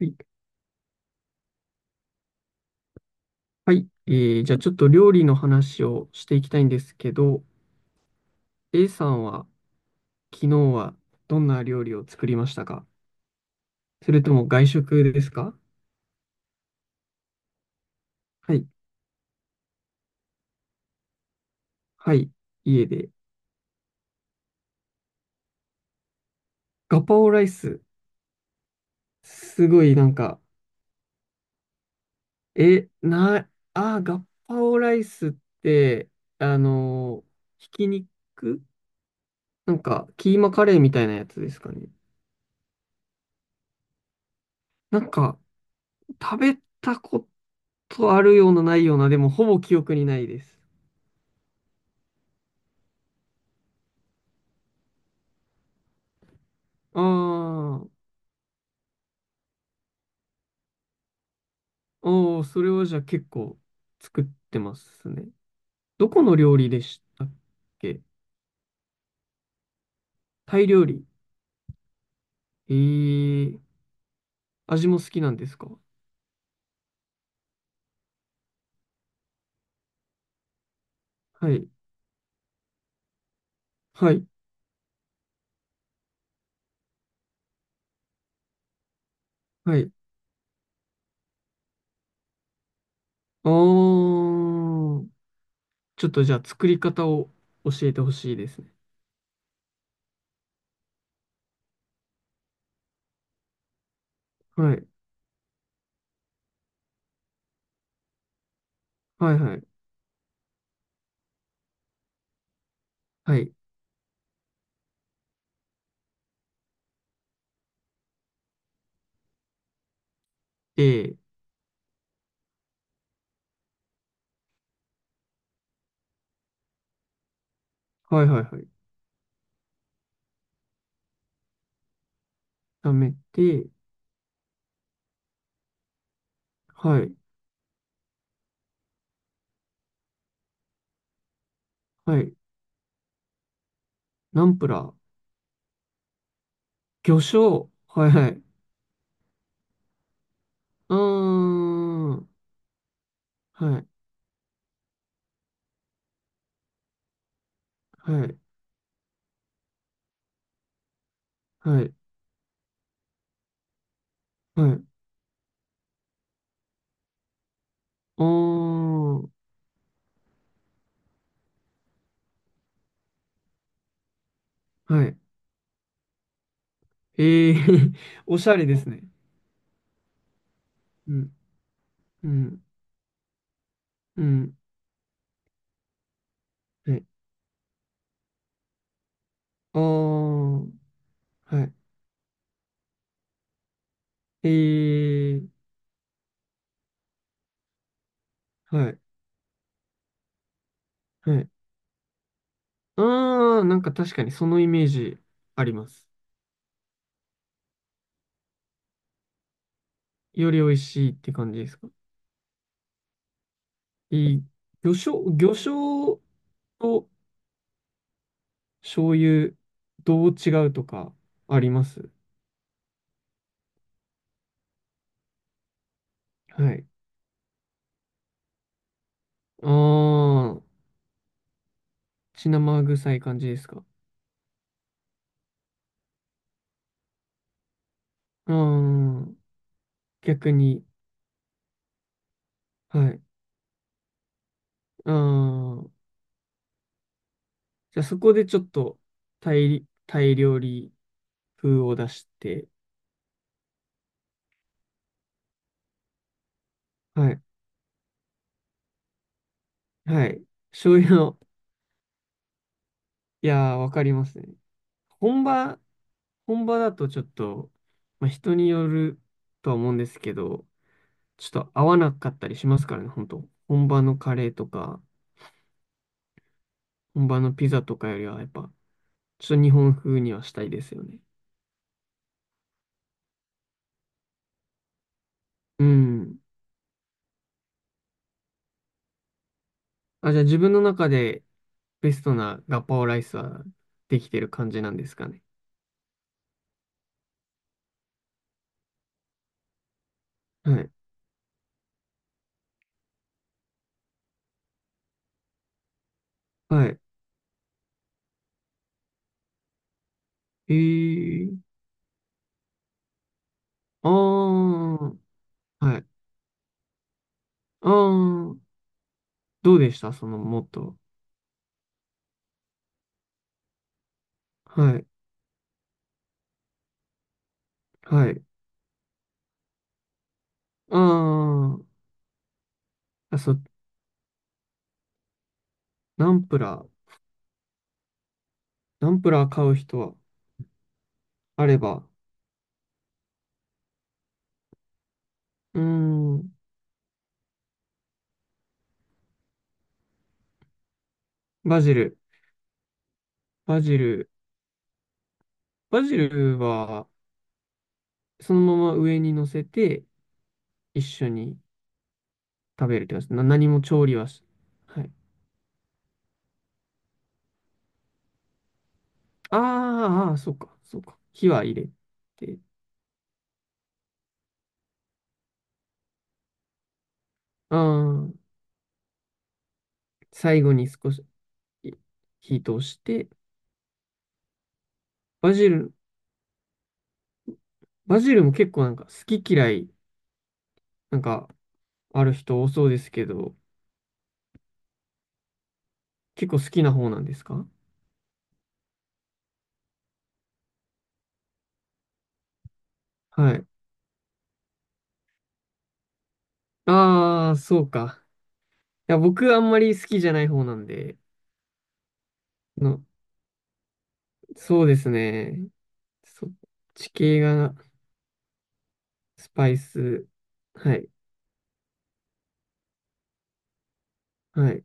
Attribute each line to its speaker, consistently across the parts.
Speaker 1: はい。はい。じゃあちょっと料理の話をしていきたいんですけど、A さんは昨日はどんな料理を作りましたか？それとも外食ですか？はい。はい。家で。ガパオライス。すごいなんか、え、な、あー、ガパオライスって、あのーひき肉なんか、キーマカレーみたいなやつですかね。なんか、食べたことあるようなないような、でもほぼ記憶にないです。ああ、おー、それはじゃあ結構作ってますね。どこの料理でしたっけ？タイ料理。えー、味も好きなんですか？はい、はい、はい。あー、ちょっとじゃあ作り方を教えてほしいですね。はい、はい、はい、はい。で、はい、はい、はい。炒めて、はい、はい。ナンプラー、魚醤、はい、はい。うーん、はい、はい、はい。はい、ああ、はい。ええ、 おしゃれですね。うん、うん、うん。はい。ああ、はい。ええ、はい、はい。ああ、なんか確かにそのイメージあります。より美味しいって感じですか。いい。魚醤、魚醤と醤油、どう違うとかあります？はい。ああ、血生臭い感じですか。ああ、逆に。はい。ああ。じゃあそこでちょっとタイ料理風を出して、はい、はい。醤油の、いやー、わかりますね。本場、本場だとちょっと、まあ、人によるとは思うんですけど、ちょっと合わなかったりしますからね、本当本場のカレーとか、本場のピザとかよりは、やっぱ、ちょっと日本風にはしたいですよね。うん。あ、じゃあ自分の中でベストなガパオライスはできてる感じなんですかね。はい。はい。えー、ああ、はい。ああ、どうでしたそのもっと。はい。はい。あー、あ、そう、ナンプラー。ナンプラー買う人は、あれば。うーん、バジル。バジル。バジルは、そのまま上に乗せて、一緒に食べるって感じ。何も調理はし、はい。あー、あー、そうか、そうか。火は入れて。ああ、最後に少しい火通して、バジル、バジルも結構なんか好き嫌い、なんかある人多そうですけど、結構好きな方なんですか？はい。ああ、そうか。いや、僕あんまり好きじゃない方なんで、の、そうですね。そっち系がスパイス。はい。はい。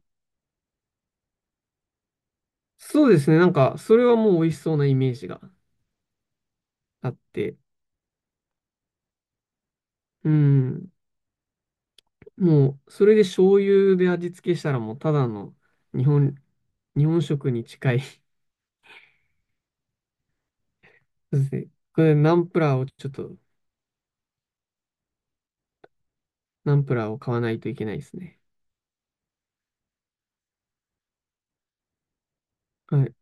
Speaker 1: そうですね。なんか、それはもう美味しそうなイメージがあって。うん。もう、それで醤油で味付けしたらもうただの日本、日本食に近い。そうですね。これナンプラーをちょっとナンプラーを買わないといけないですね。はい。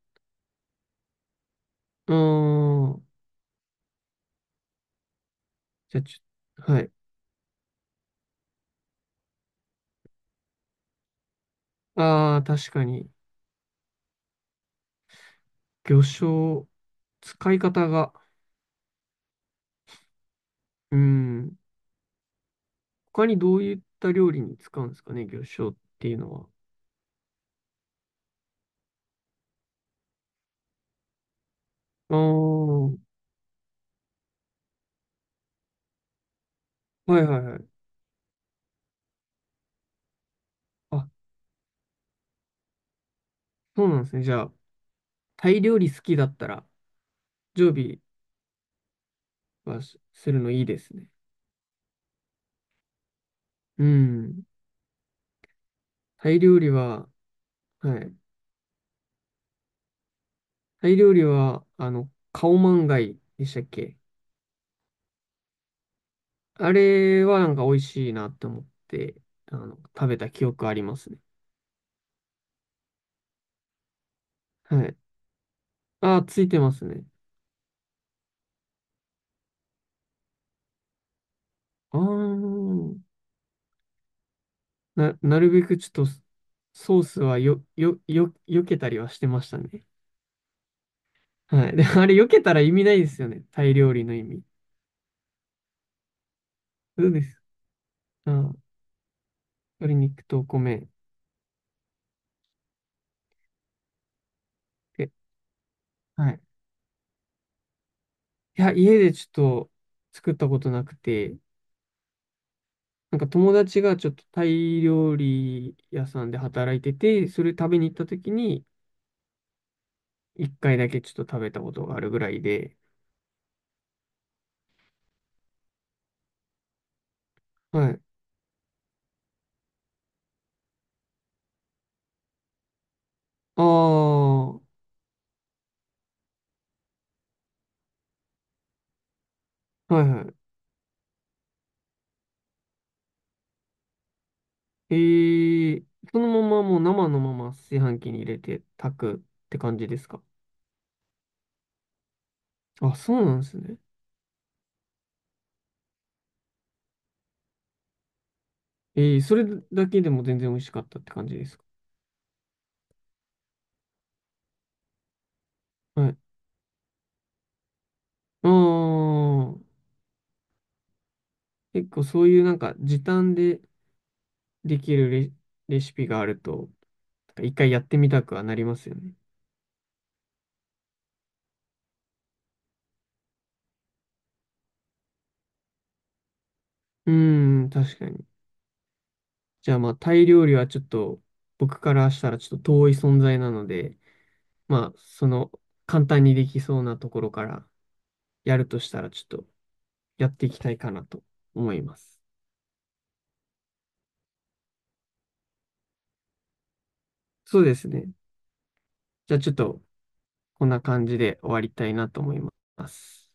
Speaker 1: あー、じゃあちょ、はい。ああ、確かに、魚醤、使い方が、うん、他にどういった料理に使うんですかね、魚醤っていうのは。あー、はいはいはい。あ、そうなんですね。じゃあ、タイ料理好きだったら、常備はすするのいいですね。うん。タイ料理は、はい。タイ料理は、あの、カオマンガイでしたっけ？あれはなんか美味しいなって思って、あの、食べた記憶ありますね。はい。あ、ついてますね。あー、なるべくちょっとソースはよ、よ、よ、避けたりはしてましたね。はい。で、あれ避けたら意味ないですよね。タイ料理の意味。そうです。あー、鶏肉とお米。で、はい。いや、家でちょっと作ったことなくて、なんか友達がちょっとタイ料理屋さんで働いてて、それ食べに行った時に、一回だけちょっと食べたことがあるぐらいで。はい。ああ、はいはい。えー、そのままもう生のまま炊飯器に入れて炊くって感じですか？あ、そうなんですね。えー、それだけでも全然美味しかったって感じですか？はい。ああ、結構そういうなんか時短でできるレシピがあると、なんか一回やってみたくはなりますよね。うーん、確かに。じゃあまあタイ料理はちょっと僕からしたらちょっと遠い存在なので、まあ、その、簡単にできそうなところからやるとしたら、ちょっとやっていきたいかなと思います。そうですね。じゃあちょっと、こんな感じで終わりたいなと思います。